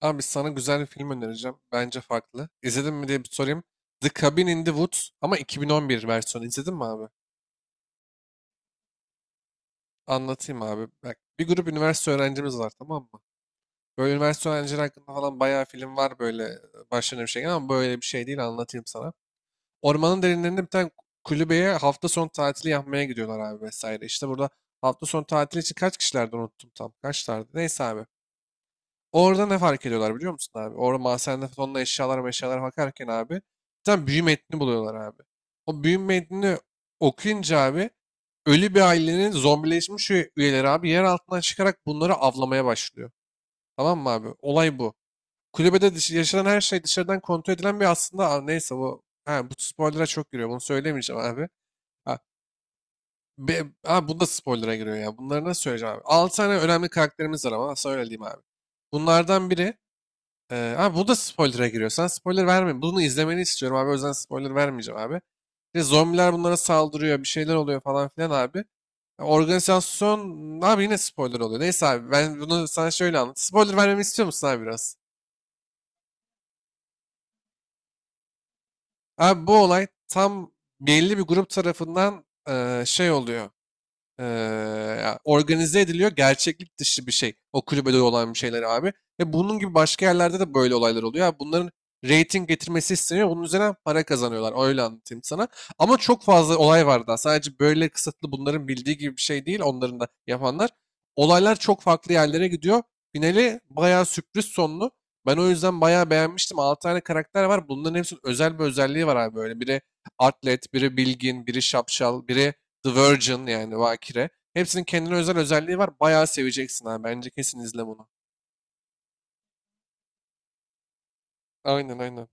Abi sana güzel bir film önereceğim. Bence farklı. İzledin mi diye bir sorayım. The Cabin in the Woods ama 2011 versiyonu. İzledin mi abi? Anlatayım abi. Bak, bir grup üniversite öğrencimiz var, tamam mı? Böyle üniversite öğrencileri hakkında falan bayağı film var böyle, başlarına bir şey gelen, ama böyle bir şey değil, anlatayım sana. Ormanın derinlerinde bir tane kulübeye hafta sonu tatili yapmaya gidiyorlar abi, vesaire. İşte burada hafta sonu tatili için kaç kişilerdi unuttum tam. Kaçlardı? Neyse abi. Orada ne fark ediyorlar biliyor musun abi? Orada mahzende tonla eşyalar eşyalar bakarken abi tam tane büyü metnini buluyorlar abi. O büyü metnini okuyunca abi ölü bir ailenin zombileşmiş üyeleri abi yer altından çıkarak bunları avlamaya başlıyor. Tamam mı abi? Olay bu. Kulübede yaşanan her şey dışarıdan kontrol edilen bir aslında. Neyse, bu bu spoiler'a çok giriyor. Bunu söylemeyeceğim abi. Ha, Bu da spoiler'a giriyor ya. Bunları nasıl söyleyeceğim abi? 6 tane önemli karakterimiz var, ama söyleyeyim abi. Bunlardan biri abi, bu da spoiler'a giriyor. Sen spoiler verme. Bunu izlemeni istiyorum abi. O yüzden spoiler vermeyeceğim abi. İşte zombiler bunlara saldırıyor. Bir şeyler oluyor falan filan abi. Ya organizasyon abi, yine spoiler oluyor. Neyse abi, ben bunu sana şöyle anlat. Spoiler vermemi istiyor musun abi biraz? Abi bu olay tam belli bir grup tarafından şey oluyor. Eee, Ya organize ediliyor. Gerçeklik dışı bir şey. O kulübede olan bir şeyler abi. Ve bunun gibi başka yerlerde de böyle olaylar oluyor. Yani bunların rating getirmesi isteniyor. Bunun üzerine para kazanıyorlar. Öyle anlatayım sana. Ama çok fazla olay var daha. Sadece böyle kısıtlı, bunların bildiği gibi bir şey değil. Onların da yapanlar. Olaylar çok farklı yerlere gidiyor. Finali bayağı sürpriz sonlu. Ben o yüzden bayağı beğenmiştim. 6 tane karakter var. Bunların hepsinin özel bir özelliği var abi böyle. Biri atlet, biri bilgin, biri şapşal, biri The Virgin, yani Bakire. Hepsinin kendine özel özelliği var. Bayağı seveceksin abi. Bence kesin izle bunu. Aynen, aynen.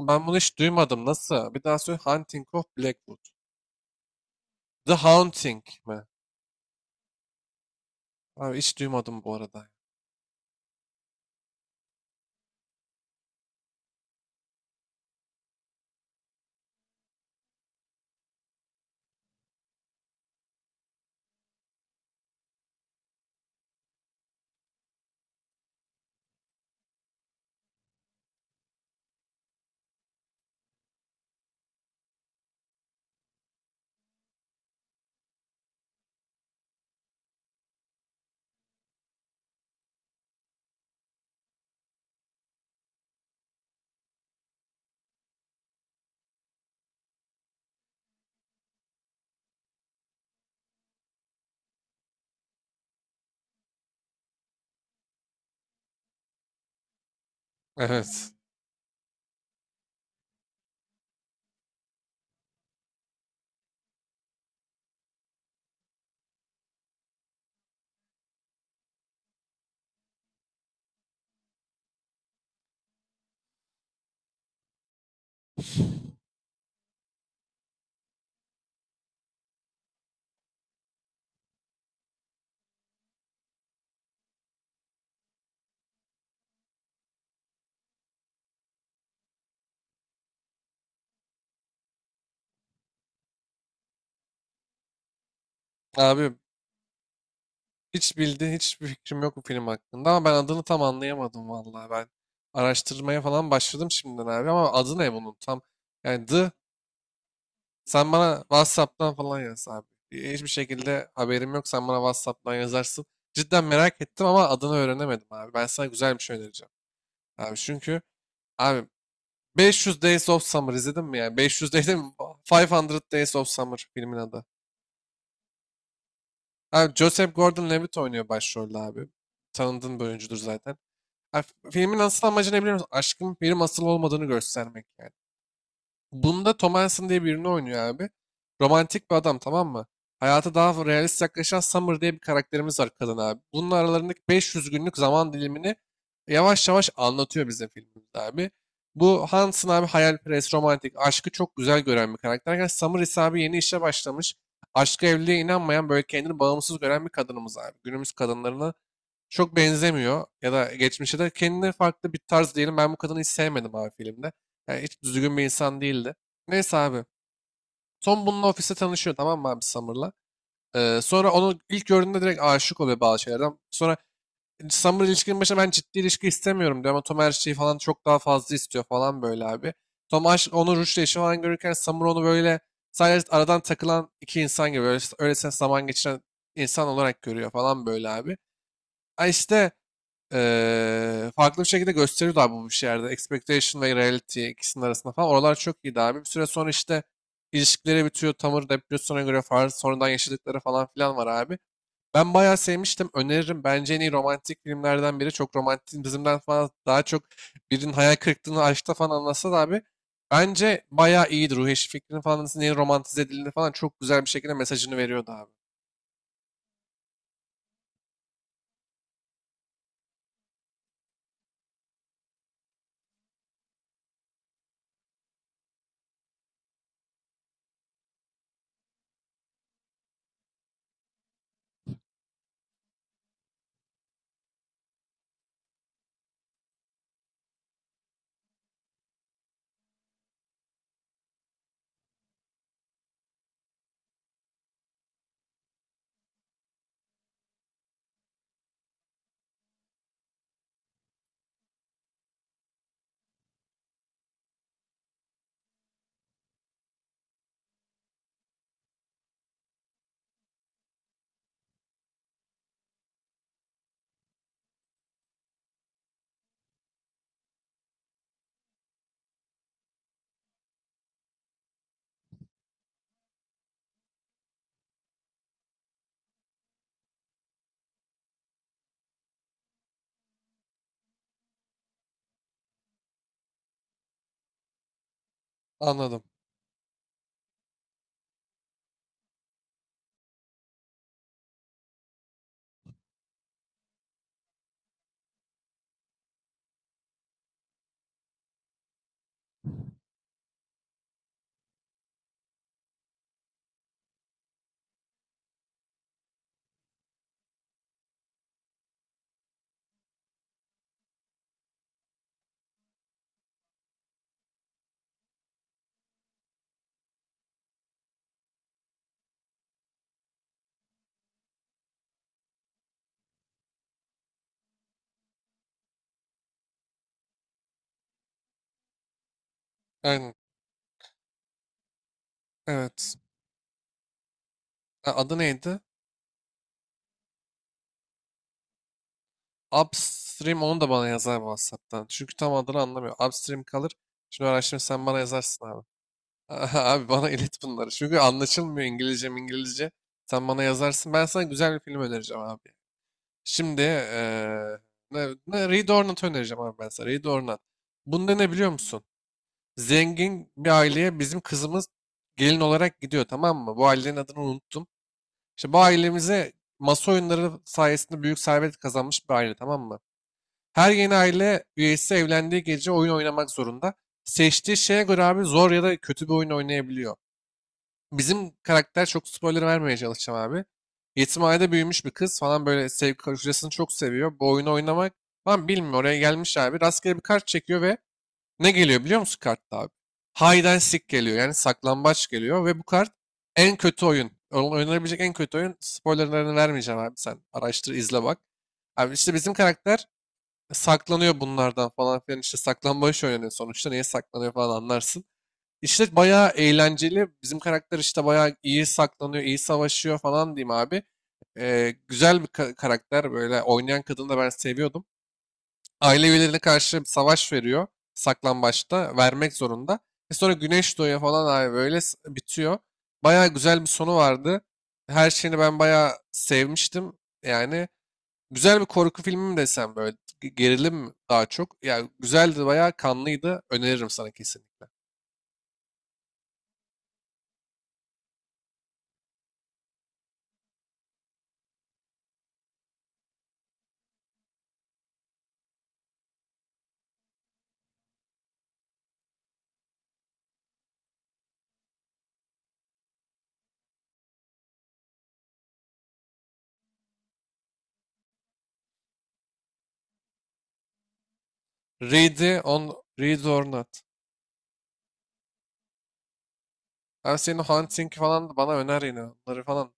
Ben bunu hiç duymadım. Nasıl? Bir daha söyle. Hunting of Blackwood. The Haunting mi? Abi, hiç duymadım bu arada. Evet. Abi, hiç bildiğin hiçbir fikrim yok bu film hakkında, ama ben adını tam anlayamadım vallahi ben. Araştırmaya falan başladım şimdiden abi, ama adı ne bunun tam? Yani, The... Sen bana WhatsApp'tan falan yaz abi. Hiçbir şekilde haberim yok. Sen bana WhatsApp'tan yazarsın. Cidden merak ettim ama adını öğrenemedim abi. Ben sana güzel bir şey önereceğim. Abi çünkü abi, 500 Days of Summer izledin mi ya? 500 değil de, 500 Days of Summer filmin adı. Abi, Joseph Gordon-Levitt oynuyor başrolde abi. Tanıdığın bir oyuncudur zaten. Abi, filmin asıl amacı ne biliyor musun? Aşkın film asıl olmadığını göstermek yani. Bunda Tom Hansen diye birini oynuyor abi. Romantik bir adam, tamam mı? Hayata daha realist yaklaşan Summer diye bir karakterimiz var kadın abi. Bunun aralarındaki 500 günlük zaman dilimini yavaş yavaş anlatıyor bize filmimizde abi. Bu Hansen abi hayalperest, romantik, aşkı çok güzel gören bir karakterken, Summer ise abi yeni işe başlamış. Aşka, evliliğe inanmayan, böyle kendini bağımsız gören bir kadınımız abi. Günümüz kadınlarını çok benzemiyor, ya da geçmişe de kendine farklı bir tarz diyelim. Ben bu kadını hiç sevmedim abi filmde. Yani hiç düzgün bir insan değildi. Neyse abi. Tom bununla ofiste tanışıyor, tamam mı abi, Summer'la? Sonra onu ilk gördüğünde direkt aşık oluyor bazı şeylerden. Sonra Summer ilişkinin başında ben ciddi ilişki istemiyorum diyor, ama Tom her şeyi falan çok daha fazla istiyor falan böyle abi. Tom aşk, onu Rush'la işi falan görürken, Summer onu böyle sadece aradan takılan iki insan gibi, öyle, öylesine zaman geçiren insan olarak görüyor falan böyle abi. Ha işte, farklı bir şekilde gösteriyordu abi bu bir şeylerde. Expectation ve reality, ikisinin arasında falan. Oralar çok iyiydi abi. Bir süre sonra işte ilişkileri bitiyor. Tamır depresyona göre farz sonradan yaşadıkları falan filan var abi. Ben bayağı sevmiştim. Öneririm. Bence en iyi romantik filmlerden biri. Çok romantik bizimden falan, daha çok birinin hayal kırıklığını aşkta falan anlatsa da abi. Bence bayağı iyiydi. Ruhi Eşref Fikri'nin falan nasıl neyin romantize edildiğini falan çok güzel bir şekilde mesajını veriyordu abi. Anladım. Aynen. Evet. Ha, adı neydi? Upstream, onu da bana yazar WhatsApp'tan. Çünkü tam adını anlamıyor. Upstream kalır. Şimdi araştırma, sen bana yazarsın abi. Abi bana ilet bunları. Çünkü anlaşılmıyor, İngilizce İngilizce. Sen bana yazarsın. Ben sana güzel bir film önereceğim abi. Şimdi Reed Ornat'ı önereceğim abi ben sana. Reed Ornat. Bunda ne biliyor musun? Zengin bir aileye bizim kızımız gelin olarak gidiyor, tamam mı? Bu ailenin adını unuttum. İşte bu ailemize, masa oyunları sayesinde büyük servet kazanmış bir aile, tamam mı? Her yeni aile üyesi evlendiği gece oyun oynamak zorunda. Seçtiği şeye göre abi zor ya da kötü bir oyun oynayabiliyor. Bizim karakter, çok spoiler vermeye çalışacağım abi. Yetimhanede büyümüş bir kız falan böyle, sevgi, kocasını çok seviyor. Bu oyunu oynamak falan bilmiyor. Oraya gelmiş abi. Rastgele bir kart çekiyor ve ne geliyor biliyor musun kartta abi? Hide and seek geliyor. Yani saklambaç geliyor, ve bu kart en kötü oyun. Oynanabilecek en kötü oyun. Spoilerlarını vermeyeceğim abi, sen araştır izle bak. Abi işte bizim karakter saklanıyor bunlardan falan filan, işte saklambaç oynanıyor sonuçta, niye saklanıyor falan anlarsın. İşte bayağı eğlenceli, bizim karakter işte bayağı iyi saklanıyor, iyi savaşıyor falan diyeyim abi. Güzel bir karakter, böyle oynayan kadını da ben seviyordum. Aile üyelerine karşı savaş veriyor, saklambaçta vermek zorunda. E sonra güneş doğuyor falan abi, böyle bitiyor. Bayağı güzel bir sonu vardı. Her şeyini ben bayağı sevmiştim yani. Güzel bir korku filmi mi desem, böyle gerilim mi daha çok. Yani güzeldi, bayağı kanlıydı. Öneririm sana kesinlikle. Ready on Read or Not. Ben senin o Hunting falan da bana öner, yine onları falan.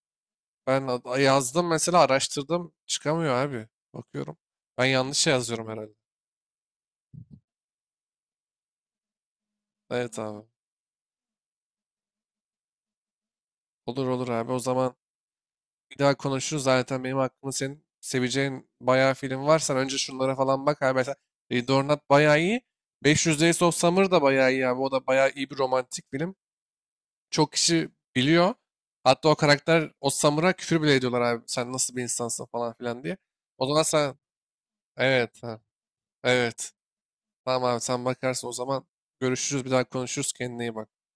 Ben yazdım mesela, araştırdım çıkamıyor abi. Bakıyorum. Ben yanlış yazıyorum herhalde. Evet abi. Olur olur abi, o zaman bir daha konuşuruz. Zaten benim aklımda senin seveceğin bayağı film var. Sen önce şunlara falan bak abi. Mesela Ready or, bayağı iyi. 500 Days of Summer da bayağı iyi abi. O da bayağı iyi bir romantik film. Çok kişi biliyor. Hatta o karakter, o Summer'a küfür bile ediyorlar abi. Sen nasıl bir insansın falan filan diye. O zaman sen, evet, ha, evet. Tamam abi, sen bakarsın o zaman. Görüşürüz, bir daha konuşuruz, kendine iyi bak.